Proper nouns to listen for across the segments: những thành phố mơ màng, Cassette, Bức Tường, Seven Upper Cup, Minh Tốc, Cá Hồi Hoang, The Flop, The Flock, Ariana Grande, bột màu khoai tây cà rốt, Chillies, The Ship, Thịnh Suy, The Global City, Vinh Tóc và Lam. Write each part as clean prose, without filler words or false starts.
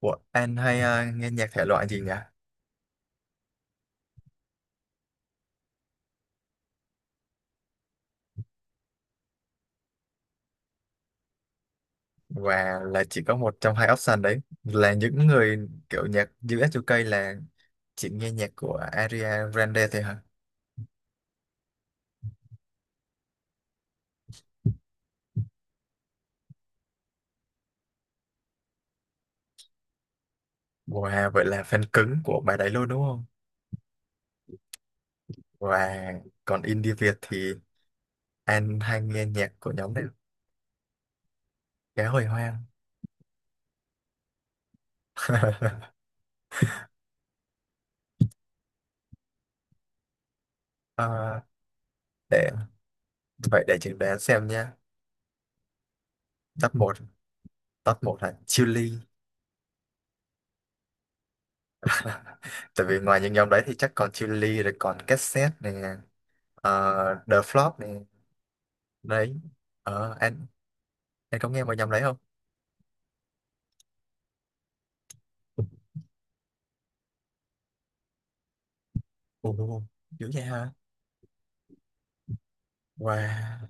Ủa, anh hay nghe nhạc thể loại gì nhỉ? Và là chỉ có một trong hai option đấy là những người kiểu nhạc US UK là chỉ nghe nhạc của Ariana Grande thôi hả? Wow, vậy là fan cứng của bài đấy luôn đúng không? Và còn indie Việt thì anh hay nghe nhạc của nhóm này Cá Hồi Hoang. Ờ, để vậy để chừng đoán xem nha. Top một Top một là Chillies. Tại vì ngoài những nhóm đấy thì chắc còn Chillies rồi còn Cassette nè, The Flop nè. Đấy, ờ anh anh có nghe vào nhầm đấy không? Ồ, dữ vậy hả? Wow,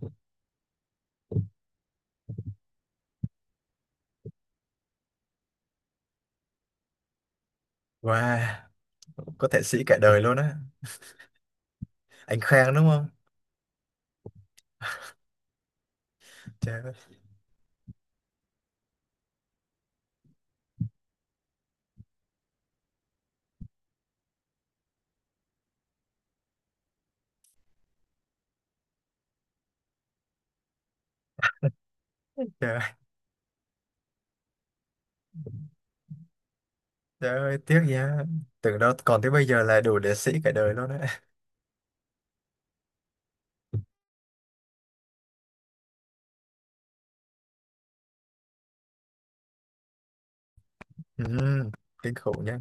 wow, có thể sĩ cả đời luôn á. Anh Khang đúng không? Trời ơi, trời, ơi, trời ơi tiếc nha. Tưởng đâu còn tới bây giờ là đủ để sĩ cả đời luôn á. Ừ, kinh khủng nha.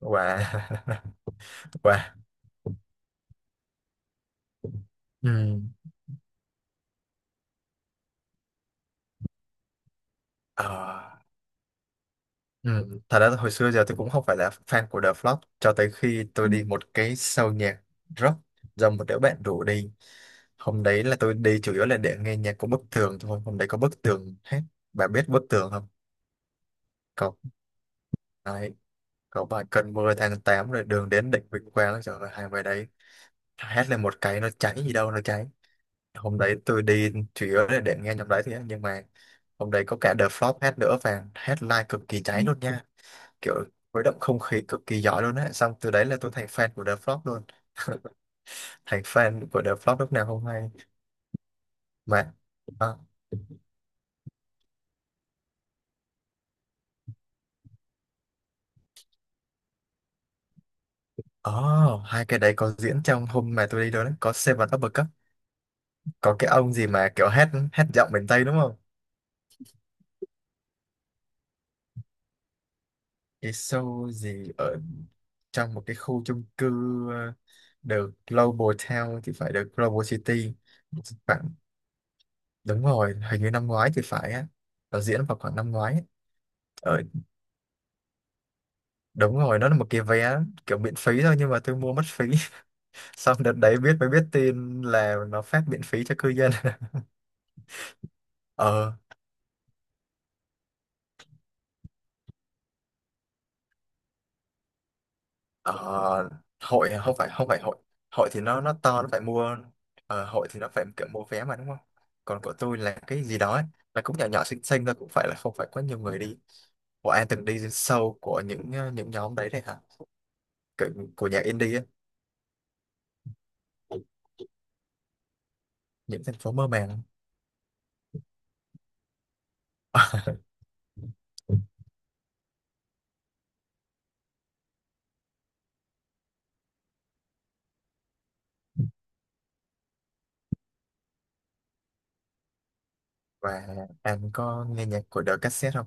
Wow. Wow. Ừ. Ờ. Ừ. Thật ra hồi xưa giờ tôi cũng không phải là fan của The Flock cho tới khi tôi đi một cái show nhạc rock do một đứa bạn rủ đi. Hôm đấy là tôi đi chủ yếu là để nghe nhạc của Bức Tường thôi. Hôm đấy có Bức Tường hết. Bà biết Bức Tường không? Có, đấy, có bài Cơn mưa tháng 8 rồi đường đến đỉnh Vinh Quang. Trời ơi, hai bài đấy hét lên một cái nó cháy gì đâu nó cháy. Hôm đấy tôi đi chủ yếu là để nghe nhóm đấy thôi á, nhưng mà hôm đấy có cả The Flock hát nữa và headline cực kỳ cháy luôn nha. Kiểu khuấy động không khí cực kỳ giỏi luôn á, xong từ đấy là tôi thành fan của The Flock luôn, thành fan của The Flock lúc nào không hay. mà à, oh, hai cái đấy có diễn trong hôm mà tôi đi đó, đấy có Seven Upper Cup, có cái ông gì mà kiểu hát hát giọng miền Tây đúng không? Cái show gì ở trong một cái khu chung cư, ờ, The Global Town thì phải, The Global City. Khoảng, đúng rồi hình như năm ngoái thì phải á, nó diễn vào khoảng năm ngoái ấy. Ở, đúng rồi nó là một cái vé kiểu miễn phí thôi nhưng mà tôi mua mất phí, xong đợt đấy biết mới biết tin là nó phát miễn phí cho cư dân. ờ ờ, Hội không phải, không phải hội. Hội thì nó to, nó phải mua. Hội thì nó phải kiểu mua vé mà đúng không, còn của tôi là cái gì đó ấy, là cũng nhỏ nhỏ xinh xinh thôi, cũng phải là không phải quá nhiều người đi. Của An từng đi sâu của những những nhóm đấy đấy hả? Của, của nhạc indie ấy, những thành phố mơ màng. Và An có nghe nhạc của The Cassette không?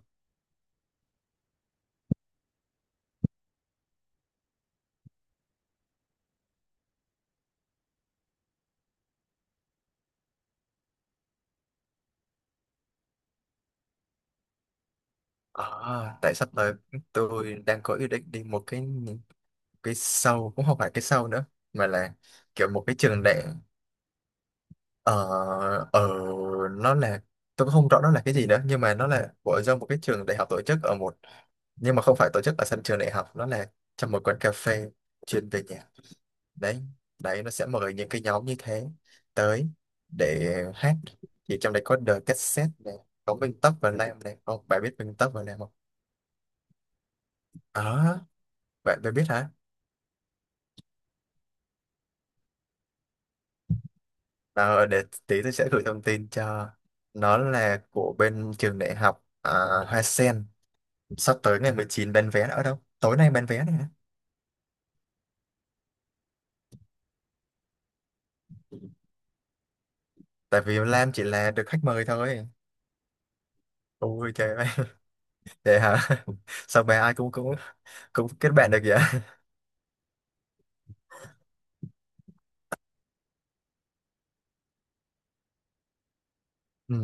À, tại sắp tới tôi đang có ý định đi một cái sau cũng không phải cái sau nữa mà là kiểu một cái trường đại, ở, ở, nó là, tôi cũng không rõ nó là cái gì nữa nhưng mà nó là của do một cái trường đại học tổ chức ở một, nhưng mà không phải tổ chức ở sân trường đại học, nó là trong một quán cà phê chuyên về nhạc đấy. Đấy nó sẽ mời những cái nhóm như thế tới để hát, thì trong đấy có The Cassette này, có Vinh Tóc và Lam này, không bạn biết Vinh Tóc và Lam không? À, bạn bạn biết hả? Ờ, để tí tôi sẽ gửi thông tin cho. Nó là của bên trường đại học Hoa Sen. Sắp tới ngày 19 bán vé, nữa đâu tối nay bán vé này. Tại vì Lam chỉ là được khách mời thôi. Ôi trời ơi. Vậy hả. Sao bé ai cũng cũng cũng kết bạn được vậy. Ừ.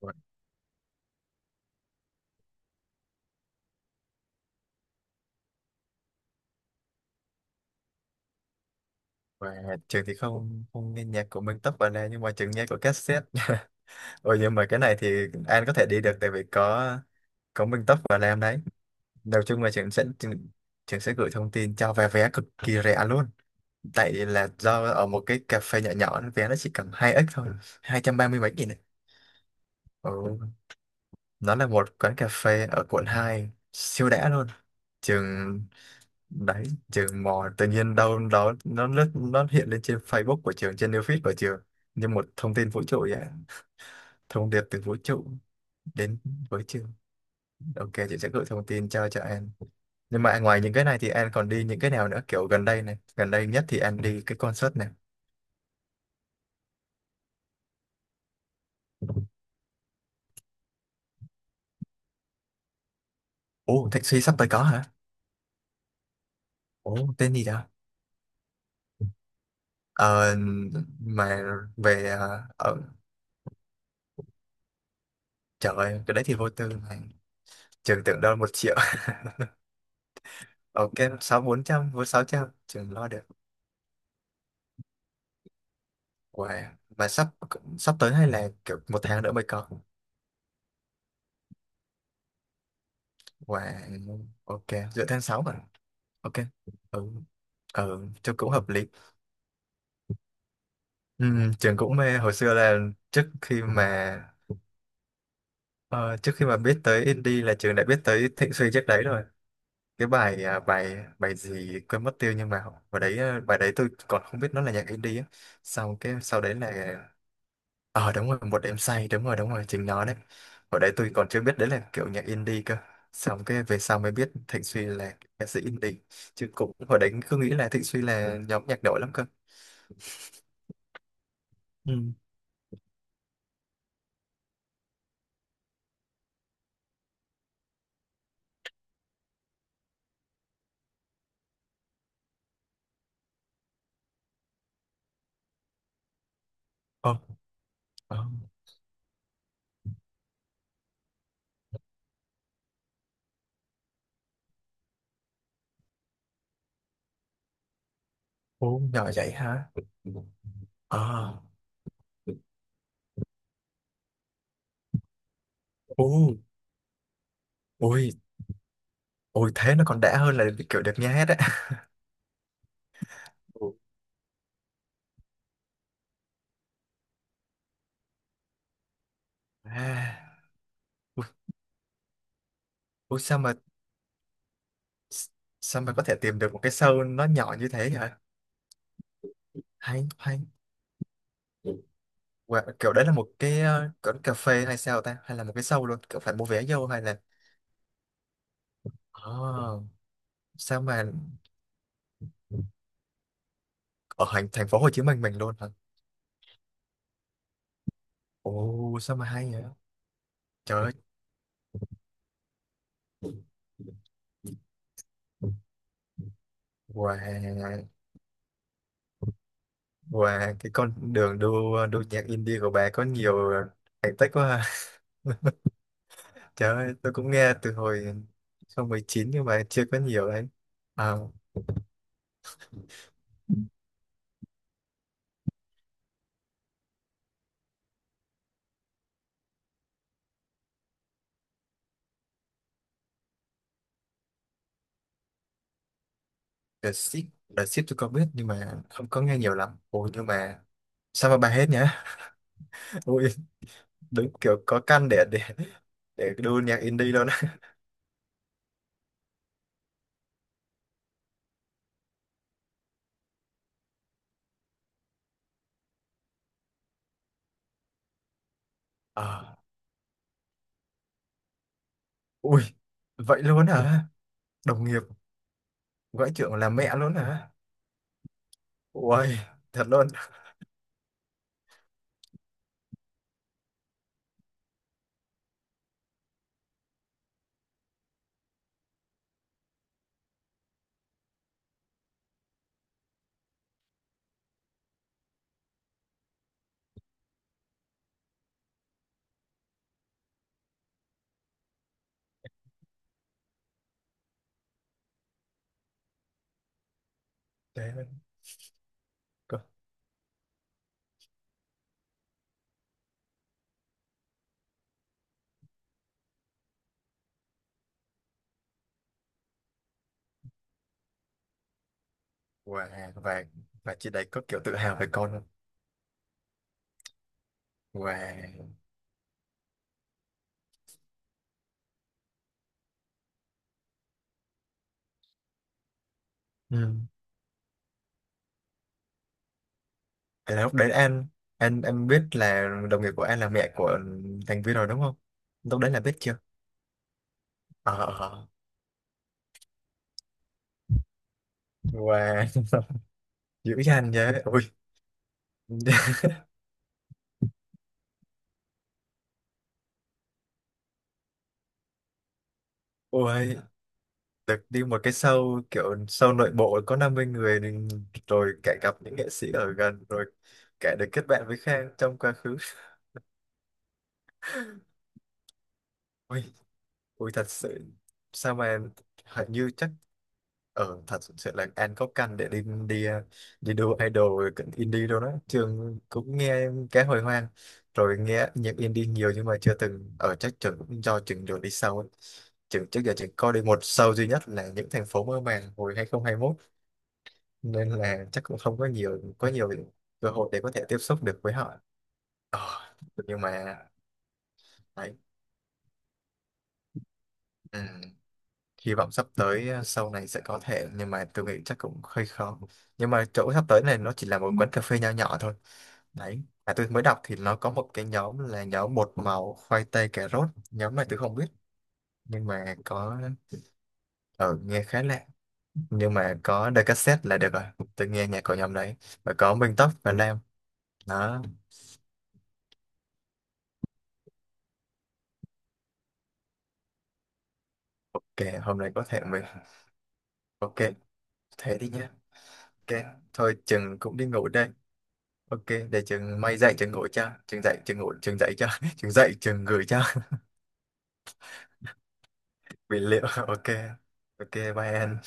và, và trường thì không, không nghe nhạc của Minh Tốc vào đây nhưng mà trường nghe của cassette. Ôi nhưng mà cái này thì An có thể đi được tại vì có Minh Tốc và Lam đấy. Đầu chung là trường sẽ trường sẽ gửi thông tin cho. Vé vé cực kỳ rẻ luôn, tại là do ở một cái cà phê nhỏ nhỏ, nó vé nó chỉ cầm hai x thôi, hai trăm ba mươi mấy nghìn này. Ừ. Nó là một quán cà phê ở quận 2 siêu đã luôn. Trường, đấy, trường mò tự nhiên đâu đó, nó lướt nó hiện lên trên Facebook của trường, trên new feed của trường như một thông tin vũ trụ vậy, thông điệp từ vũ trụ đến với trường. Ok, chị sẽ gửi thông tin cho An. Nhưng mà ngoài những cái này thì An còn đi những cái nào nữa, kiểu gần đây này, gần đây nhất thì An đi cái concert này? Ồ, Thịnh Suy sắp tới có hả? Ồ, tên gì đó. Ờ, mà về, ở, trời ơi, cái đấy thì vô tư mà, trường tưởng đâu một triệu. Ok, bốn trăm, sáu trăm trường lo được. Wow. Mà sắp sắp tới hay là kiểu một tháng nữa mới có? Wow. Ok, giữa tháng 6 mà. Ok. Ừ. Ừ trường cũng hợp lý. Trường cũng mê hồi xưa là, trước khi mà ờ, trước khi mà biết tới indie là trường đã biết tới Thịnh Suy trước đấy rồi. Cái bài à, bài bài gì quên mất tiêu nhưng mà bài đấy, bài đấy tôi còn không biết nó là nhạc indie á. Sau cái sau đấy là, ờ đúng rồi một đêm say, đúng rồi chính nó đấy. Hồi đấy tôi còn chưa biết đấy là kiểu nhạc indie cơ, xong cái về sau mới biết Thịnh Suy là ca sĩ indie, chứ cũng hồi đấy cứ nghĩ là Thịnh Suy là nhóm nhạc nổi lắm cơ. Ừ. ờ ờ Ồ nhỏ vậy hả? Ờ. Ồ. Ôi, ôi thế nó còn đã hơn là kiểu được nghe hết á. Ồ. À, ôi sao mà, S- sao mà có thể tìm được một cái show nó nhỏ như thế vậy? Hay, hay. Wow, kiểu đấy là một cái kiểu cà phê hay sao ta, hay là một cái show luôn kiểu phải mua vé vô hay là? Oh, sao mà ở thành thành phố Hồ Chí Minh mình luôn hả? Ồ sao mà hay vậy. Trời ơi. Wow. Wow cái con đường đua đua nhạc indie của bà có nhiều thành tích quá ha. Trời ơi tôi cũng nghe từ hồi 2019 nhưng mà chưa có nhiều đấy. à, The Ship, The Ship tôi có biết nhưng mà không có nghe nhiều lắm. Ôi nhưng mà sao mà bà hết nhá. Ui, đúng kiểu có căn để đu nhạc indie luôn á. Ờ. Ui vậy luôn hả? Đồng nghiệp gọi trưởng là mẹ luôn hả? Ui thật luôn. Đấy có- wow. Và chị đấy có kiểu tự hào về con không? Wow. Ừ. Thế là lúc đấy An, em biết là đồng nghiệp của An là mẹ của thành viên rồi đúng không? Lúc đấy là biết chưa? Ờ. Ờ. Wow. Dữ dằn nhé. Ôi. Ôi được đi một cái show kiểu show nội bộ có 50 người thì, rồi cả gặp những nghệ sĩ ở gần rồi, cả được kết bạn với Khang trong quá khứ. Ôi. Ui thật sự, sao mà, hình như chắc ở thật sự là An có căn để đi đi đi đua idol cận indie đâu đó. Trường cũng nghe cái hồi hoang rồi nghe nhạc indie nhiều nhưng mà chưa từng ở, chắc trường cũng do trường đường đi sau ấy. Trường trước giờ trường có đi một show duy nhất là những thành phố mơ màng hồi 2021 nên là chắc cũng không có có nhiều cơ hội để có thể tiếp xúc được với họ. Ờ, nhưng mà đấy, ừ. Hy vọng sắp tới sau này sẽ có thể nhưng mà tôi nghĩ chắc cũng hơi khó, nhưng mà chỗ sắp tới này nó chỉ là một quán cà phê nho nhỏ thôi. Đấy mà tôi mới đọc thì nó có một cái nhóm là nhóm bột màu khoai tây cà rốt, nhóm này tôi không biết. Nhưng mà có, ở nghe khá lạ, nhưng mà có đôi cassette là được rồi, tôi nghe nhạc của nhóm đấy, và có Minh Tóc và Nam đó. Ok hôm nay có thể mình, ok thế đi nhé. Ok, thôi chừng cũng đi ngủ đây. Ok, để trường may dạy trường ngồi cho, trường dạy trường ngồi, trường dạy cho, trường dạy trường gửi cho. Bị liệu, ok. Ok bye em.